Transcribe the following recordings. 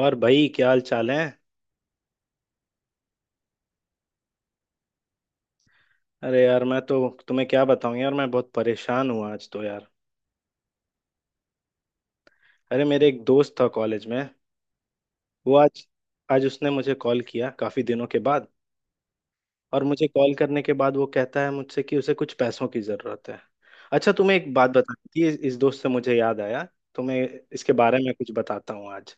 और भाई क्या हाल चाल है। अरे यार मैं तो तुम्हें क्या बताऊं यार, मैं बहुत परेशान हूँ आज तो यार। अरे मेरे एक दोस्त था कॉलेज में। वो आज आज उसने मुझे कॉल किया काफी दिनों के बाद। और मुझे कॉल करने के बाद वो कहता है मुझसे कि उसे कुछ पैसों की जरूरत है। अच्छा, तुम्हें एक बात बतानी थी, इस दोस्त से मुझे याद आया। तुम्हें इसके बारे में कुछ बताता हूँ आज।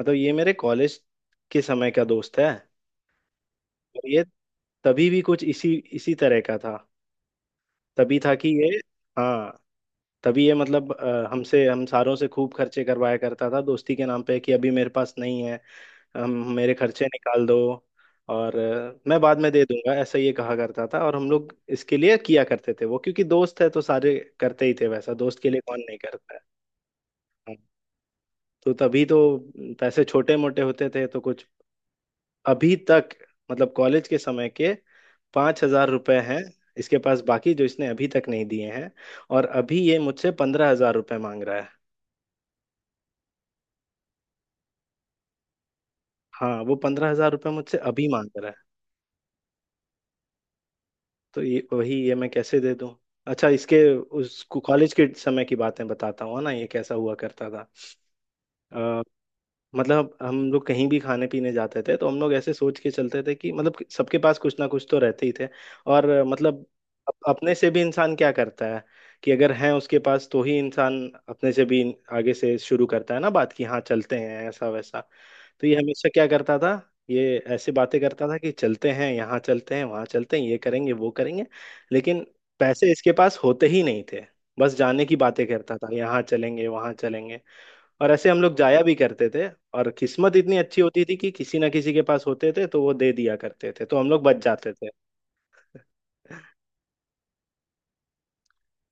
मतलब ये मेरे कॉलेज के समय का दोस्त है। और ये तभी भी कुछ इसी इसी तरह का था। तभी था कि ये। हाँ। तभी ये मतलब हमसे हम सारों से खूब खर्चे करवाया करता था दोस्ती के नाम पे कि अभी मेरे पास नहीं है। हम मेरे खर्चे निकाल दो। और मैं बाद में दे दूंगा, ऐसा ये कहा करता था। और हम लोग इसके लिए किया करते थे, वो क्योंकि दोस्त है तो सारे करते ही थे वैसा, दोस्त के लिए कौन नहीं करता है। हाँ। तो तभी तो पैसे छोटे मोटे होते थे तो कुछ अभी तक, मतलब कॉलेज के समय के 5,000 रुपये हैं इसके पास बाकी, जो इसने अभी तक नहीं दिए हैं। और अभी ये मुझसे 15,000 रुपये मांग रहा है। हाँ, वो 15,000 रुपये मुझसे अभी मांग रहा है। तो ये वही, ये मैं कैसे दे दूँ। अच्छा, इसके उस कॉलेज के समय की बातें बताता हूँ ना, ये कैसा हुआ करता था। मतलब हम लोग कहीं भी खाने पीने जाते थे, तो हम लोग ऐसे सोच के चलते थे कि मतलब कि सबके पास कुछ ना कुछ तो रहते ही थे। और मतलब अपने से भी इंसान क्या करता है कि अगर है उसके पास तो ही इंसान अपने से भी आगे से शुरू करता है ना बात, कि हाँ चलते हैं ऐसा वैसा। तो ये हमेशा क्या करता था, ये ऐसे बातें करता था कि चलते हैं यहाँ, चलते हैं वहाँ, चलते हैं ये करेंगे वो करेंगे। लेकिन पैसे इसके पास होते ही नहीं थे, बस जाने की बातें करता था, यहाँ चलेंगे वहाँ चलेंगे। और ऐसे हम लोग जाया भी करते थे, और किस्मत इतनी अच्छी होती थी कि किसी ना किसी के पास होते थे तो वो दे दिया करते थे, तो हम लोग बच जाते थे।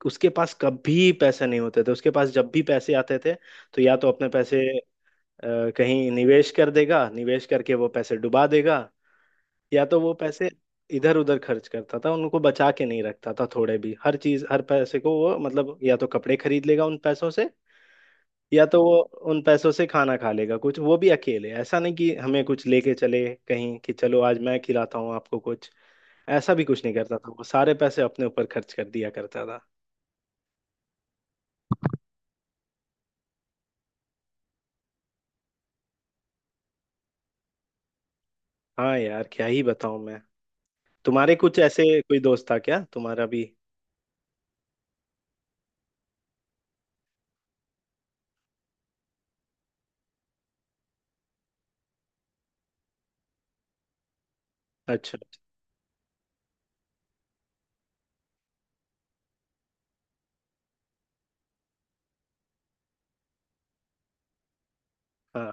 उसके पास कभी पैसे नहीं होते थे। उसके पास जब भी पैसे आते थे, तो या तो अपने पैसे अ, कहीं निवेश कर देगा, निवेश करके वो पैसे डुबा देगा। या तो वो पैसे इधर उधर खर्च करता था, उनको बचा के नहीं रखता था थोड़े भी। हर चीज हर पैसे को वो मतलब या तो कपड़े खरीद लेगा उन पैसों से, या तो वो उन पैसों से खाना खा लेगा कुछ, वो भी अकेले। ऐसा नहीं कि हमें कुछ लेके चले कहीं कि चलो आज मैं खिलाता हूँ आपको कुछ, ऐसा भी कुछ नहीं करता था। वो सारे पैसे अपने ऊपर खर्च कर दिया करता था। हाँ यार, क्या ही बताऊं मैं। तुम्हारे कुछ ऐसे कोई दोस्त था क्या तुम्हारा भी? अच्छा, अच्छा। हाँ,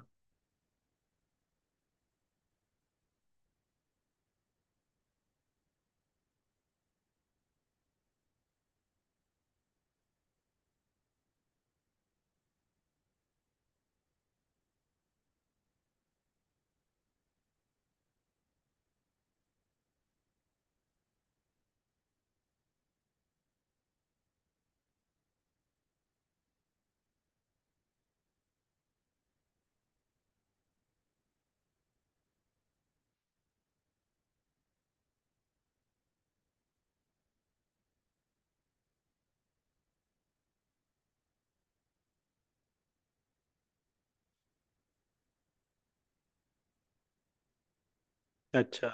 अच्छा।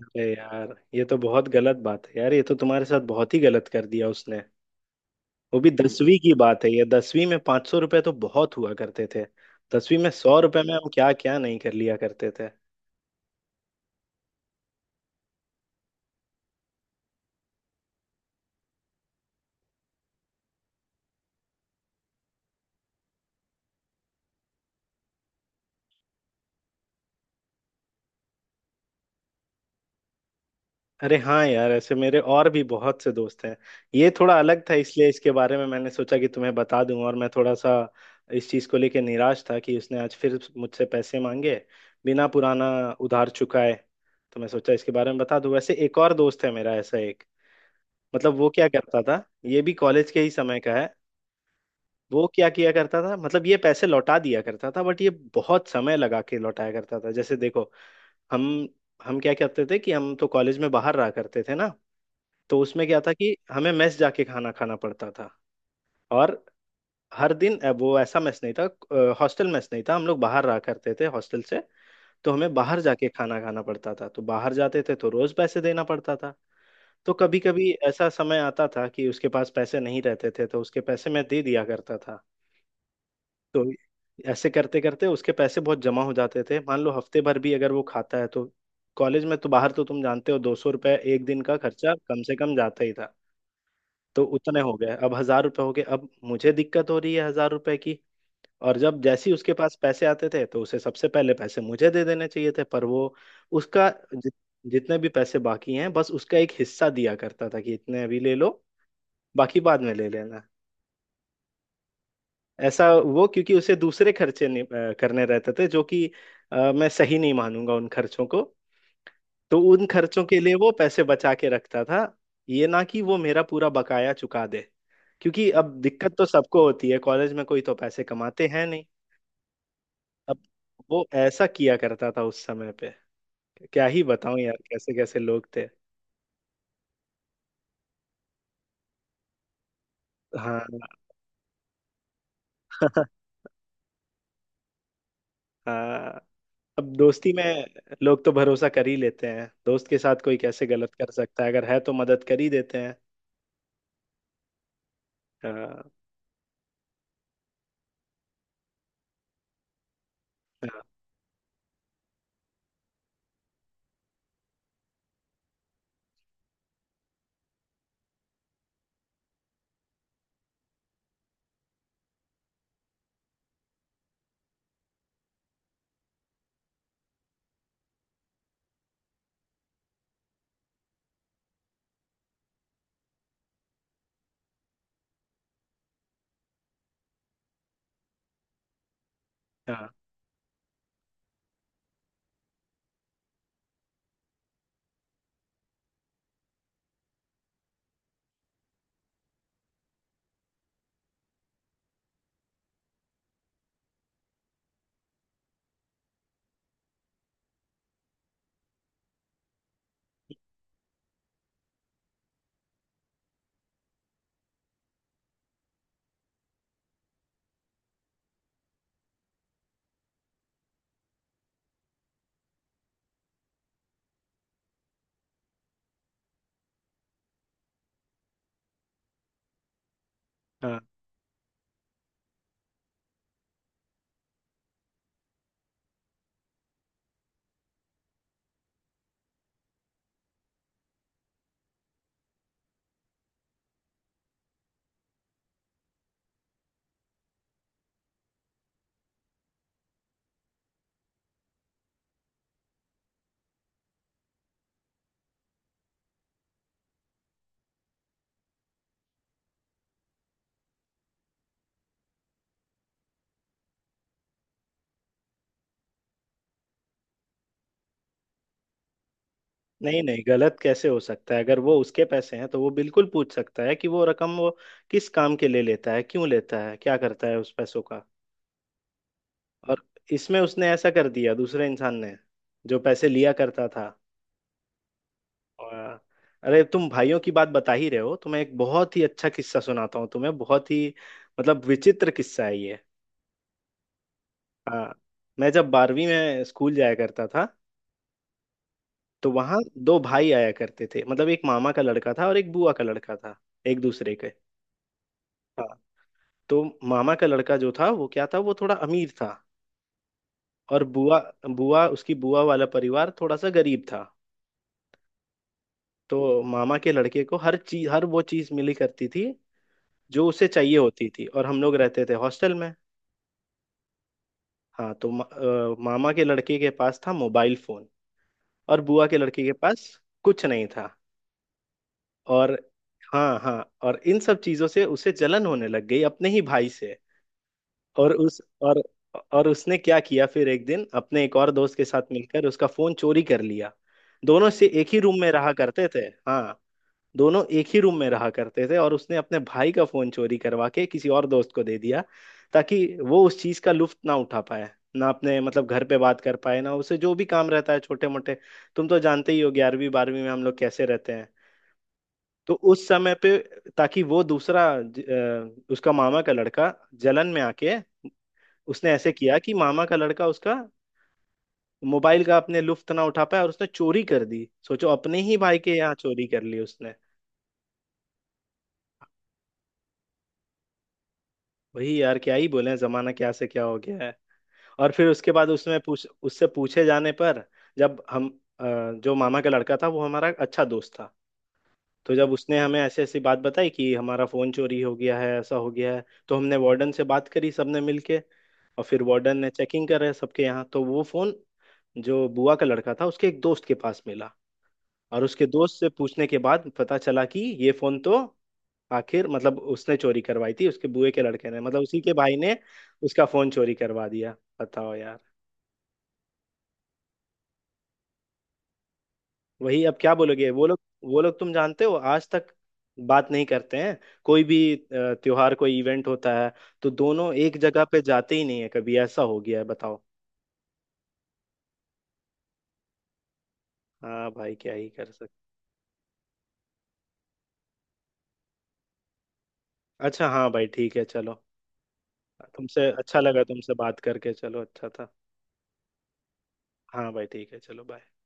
अरे यार, ये तो बहुत गलत बात है यार, ये तो तुम्हारे साथ बहुत ही गलत कर दिया उसने। वो भी 10वीं की बात है, ये 10वीं में 500 रुपये तो बहुत हुआ करते थे। 10वीं में 100 रुपये में हम क्या क्या नहीं कर लिया करते थे। अरे हाँ यार, ऐसे मेरे और भी बहुत से दोस्त हैं। ये थोड़ा अलग था, इसलिए इसके बारे में मैंने सोचा कि तुम्हें बता दूं। और मैं थोड़ा सा इस चीज़ को लेके निराश था कि उसने आज फिर मुझसे पैसे मांगे बिना पुराना उधार चुकाए। तो मैं सोचा इसके बारे में बता दूं। वैसे एक और दोस्त है मेरा ऐसा एक, मतलब वो क्या करता था, ये भी कॉलेज के ही समय का है। वो क्या किया करता था मतलब, ये पैसे लौटा दिया करता था बट ये बहुत समय लगा के लौटाया करता था। जैसे देखो, हम हम क्या करते थे कि हम तो कॉलेज में बाहर रहा करते थे ना। तो उसमें क्या था कि हमें मेस जाके खाना खाना पड़ता था। और हर दिन वो ऐसा मेस नहीं था, हॉस्टल मेस नहीं था, हम लोग बाहर रहा करते थे हॉस्टल से। तो हमें बाहर जाके खाना खाना पड़ता था, तो बाहर जाते थे तो रोज पैसे देना पड़ता था। तो कभी कभी ऐसा समय आता था कि उसके पास पैसे नहीं रहते थे, तो उसके पैसे मैं दे दिया करता था। तो ऐसे करते करते उसके पैसे बहुत जमा हो जाते थे। मान लो हफ्ते भर भी अगर वो खाता है तो कॉलेज में तो बाहर, तो तुम जानते हो, 200 रुपये एक दिन का खर्चा कम से कम जाता ही था। तो उतने हो गए, अब 1,000 रुपये हो गए, अब मुझे दिक्कत हो रही है 1,000 रुपए की। और जब जैसे ही उसके पास पैसे आते थे तो उसे सबसे पहले पैसे मुझे दे देने चाहिए थे, पर वो उसका जि, जितने भी पैसे बाकी हैं बस उसका एक हिस्सा दिया करता था कि इतने अभी ले लो, बाकी बाद में ले लेना। ऐसा वो क्योंकि उसे दूसरे खर्चे, नहीं, करने रहते थे जो कि, मैं सही नहीं मानूंगा उन खर्चों को। तो उन खर्चों के लिए वो पैसे बचा के रखता था, ये ना कि वो मेरा पूरा बकाया चुका दे। क्योंकि अब दिक्कत तो सबको होती है कॉलेज में, कोई तो पैसे कमाते हैं नहीं। अब वो ऐसा किया करता था उस समय पे। क्या ही बताऊं यार, कैसे कैसे लोग थे। हाँ। हाँ। अब दोस्ती में लोग तो भरोसा कर ही लेते हैं, दोस्त के साथ कोई कैसे गलत कर सकता है, अगर है तो मदद कर ही देते हैं। हाँ, हाँ, हाँ, हाँ। नहीं, नहीं, गलत कैसे हो सकता है? अगर वो उसके पैसे हैं तो वो बिल्कुल पूछ सकता है कि वो रकम वो किस काम के लिए लेता है, क्यों लेता है, क्या करता है उस पैसों का। और इसमें उसने ऐसा कर दिया दूसरे इंसान ने जो पैसे लिया करता था। और- अरे तुम भाइयों की बात बता ही रहे हो, तो मैं एक बहुत ही अच्छा किस्सा सुनाता हूँ तुम्हें, बहुत ही मतलब विचित्र किस्सा है ये। हाँ। मैं जब 12वीं में स्कूल जाया करता था, तो वहाँ दो भाई आया करते थे। मतलब एक मामा का लड़का था और एक बुआ का लड़का था, एक दूसरे के। हाँ। तो मामा का लड़का जो था वो क्या था, वो थोड़ा अमीर था। और बुआ बुआ उसकी बुआ वाला परिवार थोड़ा सा गरीब था। तो मामा के लड़के को हर चीज, हर वो चीज मिली करती थी जो उसे चाहिए होती थी। और हम लोग रहते थे हॉस्टल में। हाँ, तो मामा के लड़के के पास था मोबाइल फोन, और बुआ के लड़के के पास कुछ नहीं था। और हाँ हाँ, और इन सब चीजों से उसे जलन होने लग गई अपने ही भाई से। और उस और उसने क्या किया, फिर एक दिन अपने एक और दोस्त के साथ मिलकर उसका फोन चोरी कर लिया। दोनों से एक ही रूम में रहा करते थे। हाँ। दोनों एक ही रूम में रहा करते थे और उसने अपने भाई का फोन चोरी करवा के किसी और दोस्त को दे दिया, ताकि वो उस चीज का लुत्फ ना उठा पाए, ना अपने मतलब घर पे बात कर पाए, ना उसे जो भी काम रहता है छोटे मोटे। तुम तो जानते ही हो 11वीं 12वीं में हम लोग कैसे रहते हैं। तो उस समय पे ताकि वो दूसरा, उसका मामा का लड़का जलन में आके उसने ऐसे किया कि मामा का लड़का उसका मोबाइल का अपने लुफ्त ना उठा पाया, और उसने चोरी कर दी। सोचो, अपने ही भाई के यहाँ चोरी कर ली उसने। वही यार, क्या ही बोले, जमाना क्या से क्या हो गया है। और फिर उसके बाद उसमें पूछ उससे पूछे जाने पर, जब हम अ, जो मामा का लड़का था वो हमारा अच्छा दोस्त था, तो जब उसने हमें ऐसी ऐसी बात बताई कि हमारा फोन चोरी हो गया है, ऐसा हो गया है, तो हमने वार्डन से बात करी सबने मिलके। और फिर वार्डन ने चेकिंग करे सबके यहाँ, तो वो फोन जो बुआ का लड़का था उसके एक दोस्त के पास मिला। और उसके दोस्त से पूछने के बाद पता चला कि ये फोन तो आखिर मतलब उसने चोरी करवाई थी, उसके बुए के लड़के ने, मतलब उसी के भाई ने उसका फोन चोरी करवा दिया। बताओ यार। वही, अब क्या बोलोगे वो लोग। वो लोग तुम जानते हो आज तक बात नहीं करते हैं। कोई भी त्योहार, कोई इवेंट होता है, तो दोनों एक जगह पे जाते ही नहीं है। कभी ऐसा हो गया है बताओ। हाँ भाई, क्या ही कर सकते। अच्छा, हाँ भाई, ठीक है, चलो। तुमसे अच्छा लगा, तुमसे बात करके चलो, अच्छा था। हाँ भाई, ठीक है, चलो, बाय।